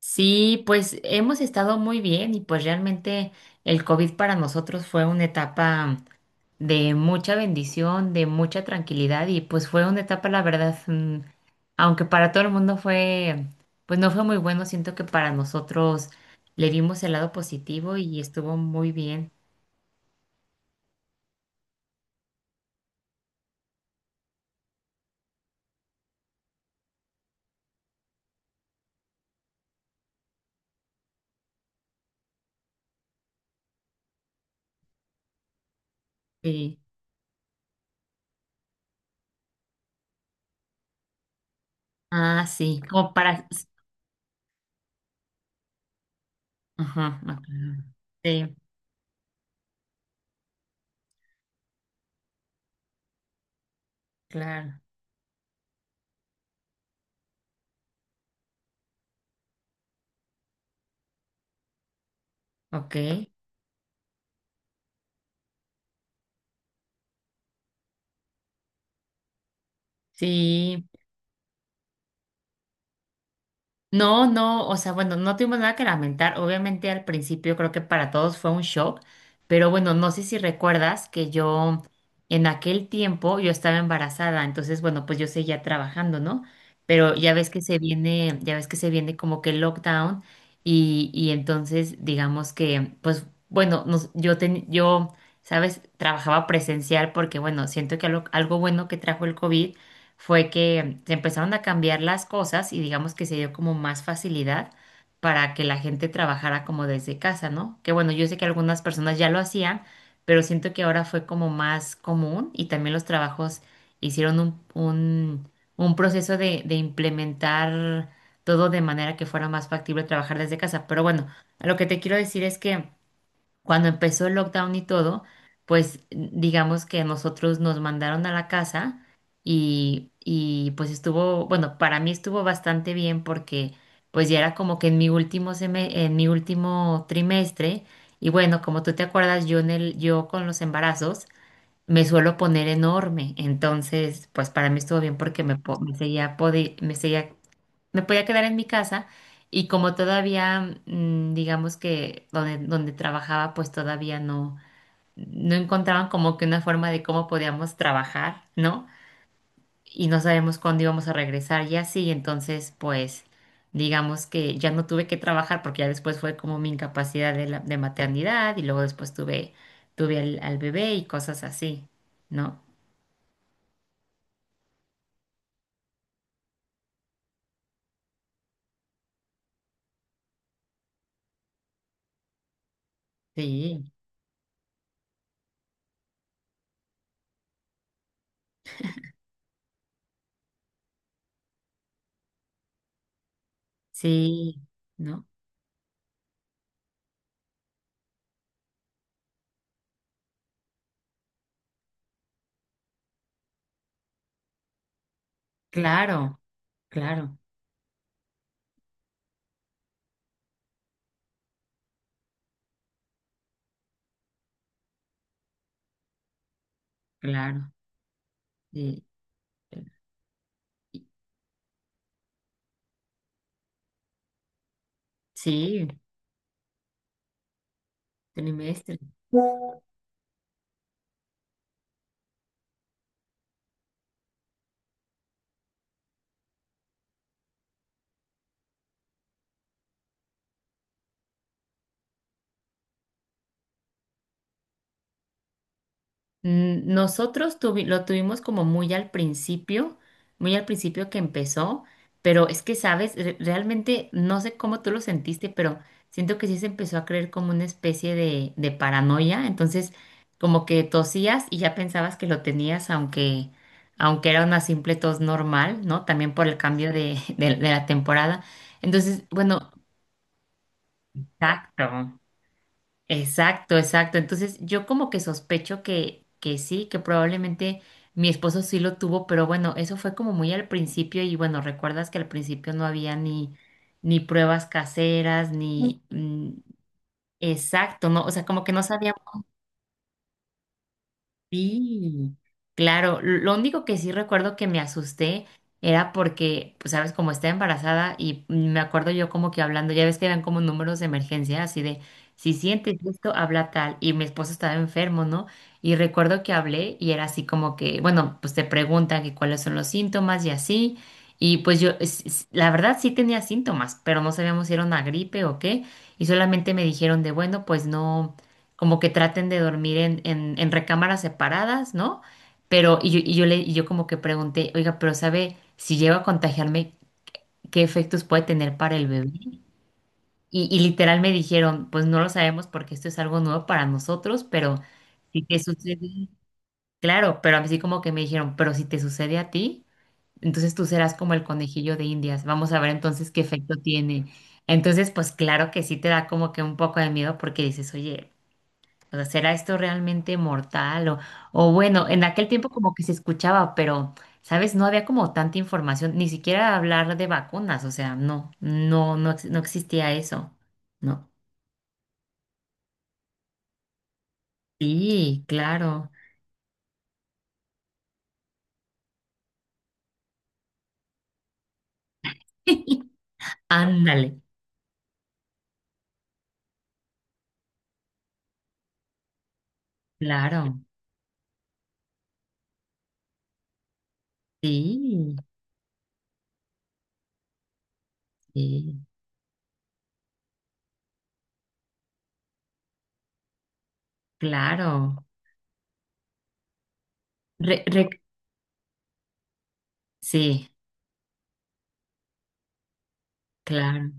Sí, pues hemos estado muy bien y pues realmente el COVID para nosotros fue una etapa de mucha bendición, de mucha tranquilidad y pues fue una etapa, la verdad, aunque para todo el mundo fue, pues no fue muy bueno, siento que para nosotros le vimos el lado positivo y estuvo muy bien. Sí. Ah, sí, como para. Ajá, ok. Sí, claro, ok. Sí. No, no, o sea, bueno, no tuvimos nada que lamentar. Obviamente al principio creo que para todos fue un shock, pero bueno, no sé si recuerdas que yo en aquel tiempo yo estaba embarazada, entonces bueno, pues yo seguía trabajando, ¿no? Pero ya ves que se viene, ya ves que se viene como que el lockdown y entonces digamos que, pues bueno, yo, ¿sabes? Trabajaba presencial porque bueno, siento que algo bueno que trajo el COVID fue que se empezaron a cambiar las cosas y digamos que se dio como más facilidad para que la gente trabajara como desde casa, ¿no? Que bueno, yo sé que algunas personas ya lo hacían, pero siento que ahora fue como más común y también los trabajos hicieron un proceso de implementar todo de manera que fuera más factible trabajar desde casa. Pero bueno, lo que te quiero decir es que cuando empezó el lockdown y todo, pues digamos que nosotros nos mandaron a la casa y pues estuvo, bueno, para mí estuvo bastante bien porque pues ya era como que en mi último en mi último trimestre y bueno, como tú te acuerdas, yo con los embarazos me suelo poner enorme, entonces pues para mí estuvo bien porque me, po- me seguía podi- me seguía me podía quedar en mi casa y como todavía, digamos que donde trabajaba, pues todavía no, no encontraban como que una forma de cómo podíamos trabajar, ¿no? Y no sabemos cuándo íbamos a regresar y así, entonces pues digamos que ya no tuve que trabajar porque ya después fue como mi incapacidad de maternidad y luego después tuve al bebé y cosas así, ¿no? Sí, sí, ¿no? Claro, claro, claro. Sí. Sí, trimestre. Nosotros lo tuvimos como muy al principio que empezó, pero es que, sabes, realmente no sé cómo tú lo sentiste, pero siento que sí se empezó a creer como una especie de paranoia, entonces como que tosías y ya pensabas que lo tenías, aunque era una simple tos normal, ¿no? También por el cambio de, de la temporada. Entonces, bueno, exacto. Exacto, exacto. Entonces yo como que sospecho que sí, que probablemente mi esposo sí lo tuvo, pero bueno, eso fue como muy al principio y bueno, recuerdas que al principio no había ni pruebas caseras, ni. Exacto, no, o sea, como que no sabíamos. Sí, claro. Lo único que sí recuerdo que me asusté era porque, pues, sabes, como estaba embarazada y me acuerdo yo como que hablando, ya ves que eran como números de emergencia, así de, si sientes esto, habla tal. Y mi esposo estaba enfermo, ¿no? Y recuerdo que hablé y era así como que, bueno, pues te preguntan que cuáles son los síntomas y así. Y pues la verdad sí tenía síntomas, pero no sabíamos si era una gripe o qué. Y solamente me dijeron de, bueno, pues no como que traten de dormir en, en, recámaras separadas, ¿no? Pero, y yo como que pregunté, oiga, pero ¿sabe si llego a contagiarme, qué efectos puede tener para el bebé? Y literal me dijeron, pues no lo sabemos porque esto es algo nuevo para nosotros, pero si te sucede, claro, pero así como que me dijeron, pero si te sucede a ti, entonces tú serás como el conejillo de Indias, vamos a ver entonces qué efecto tiene. Entonces, pues claro que sí te da como que un poco de miedo porque dices, oye, o sea, ¿será esto realmente mortal? O bueno, en aquel tiempo como que se escuchaba, pero, ¿sabes? No había como tanta información, ni siquiera hablar de vacunas, o sea, no, no, no, no existía eso. No. Sí, claro. Ándale, claro. Sí, sí, claro. Re- re- sí, claro.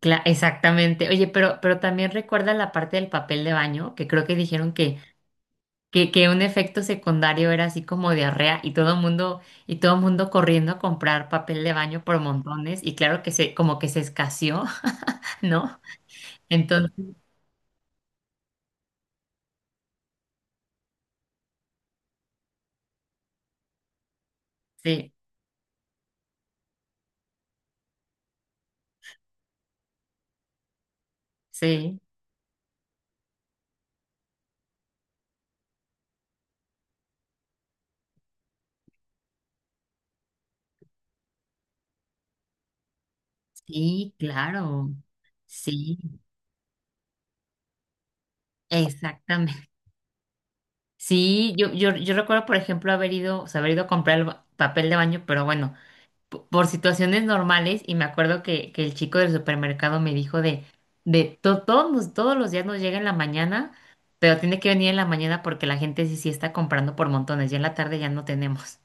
Exactamente. Oye, pero también recuerda la parte del papel de baño, que creo que dijeron que un efecto secundario era así como diarrea y todo mundo, corriendo a comprar papel de baño por montones y claro que como que se escaseó, ¿no? Entonces, sí, sí, sí, claro, sí, exactamente. Sí, yo recuerdo, por ejemplo, haber ido, o sea, haber ido a comprar el papel de baño, pero bueno. Por situaciones normales y me acuerdo que el chico del supermercado me dijo de todos los días nos llega en la mañana, pero tiene que venir en la mañana porque la gente sí, sí está comprando por montones, ya en la tarde ya no tenemos.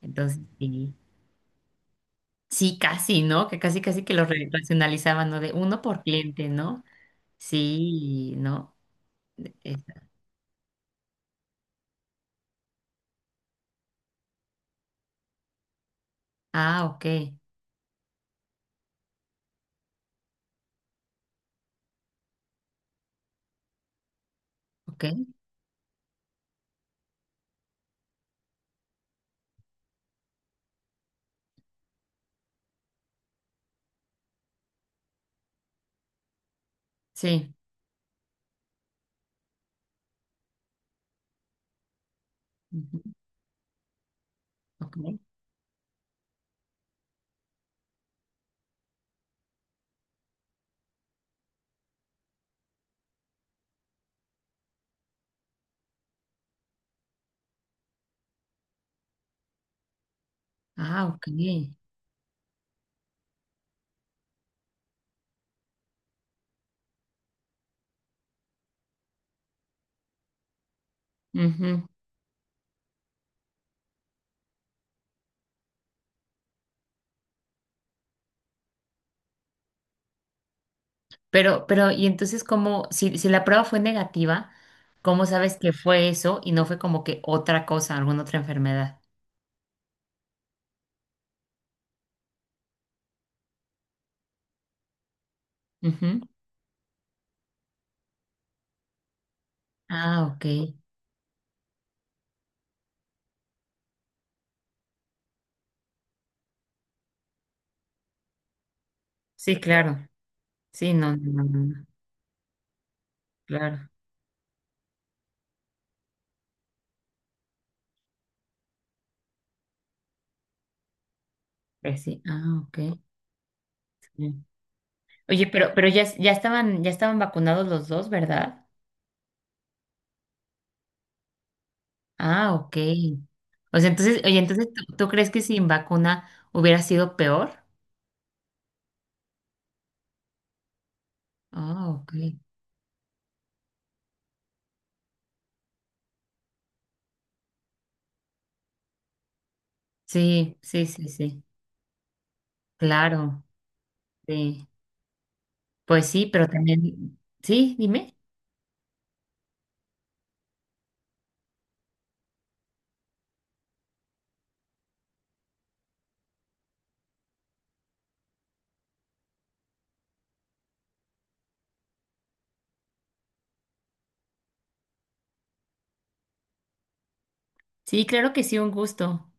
Entonces, sí, sí, casi, ¿no? Que casi, casi que lo racionalizaban, ¿no? De uno por cliente, ¿no? Sí, ¿no? Es- ah, ok, ok, sí. Ujú, ok, Ah, ok. Ujú. Pero, y entonces, ¿cómo, si la prueba fue negativa, cómo sabes que fue eso y no fue como que otra cosa, alguna otra enfermedad? Ujú. Ah, ok. Sí, claro. Sí, no, no, no, no, no. Claro. Pues sí. Ah, ok. Sí. Oye, pero ya estaban vacunados los dos, ¿verdad? Ah, ok. O sea, entonces, oye, entonces, ¿tú crees que sin vacuna hubiera sido peor? Ah, ok. Sí, sí, sí, sí. Claro. Sí. Pues sí, pero también, sí, dime. Sí, claro que sí, un gusto.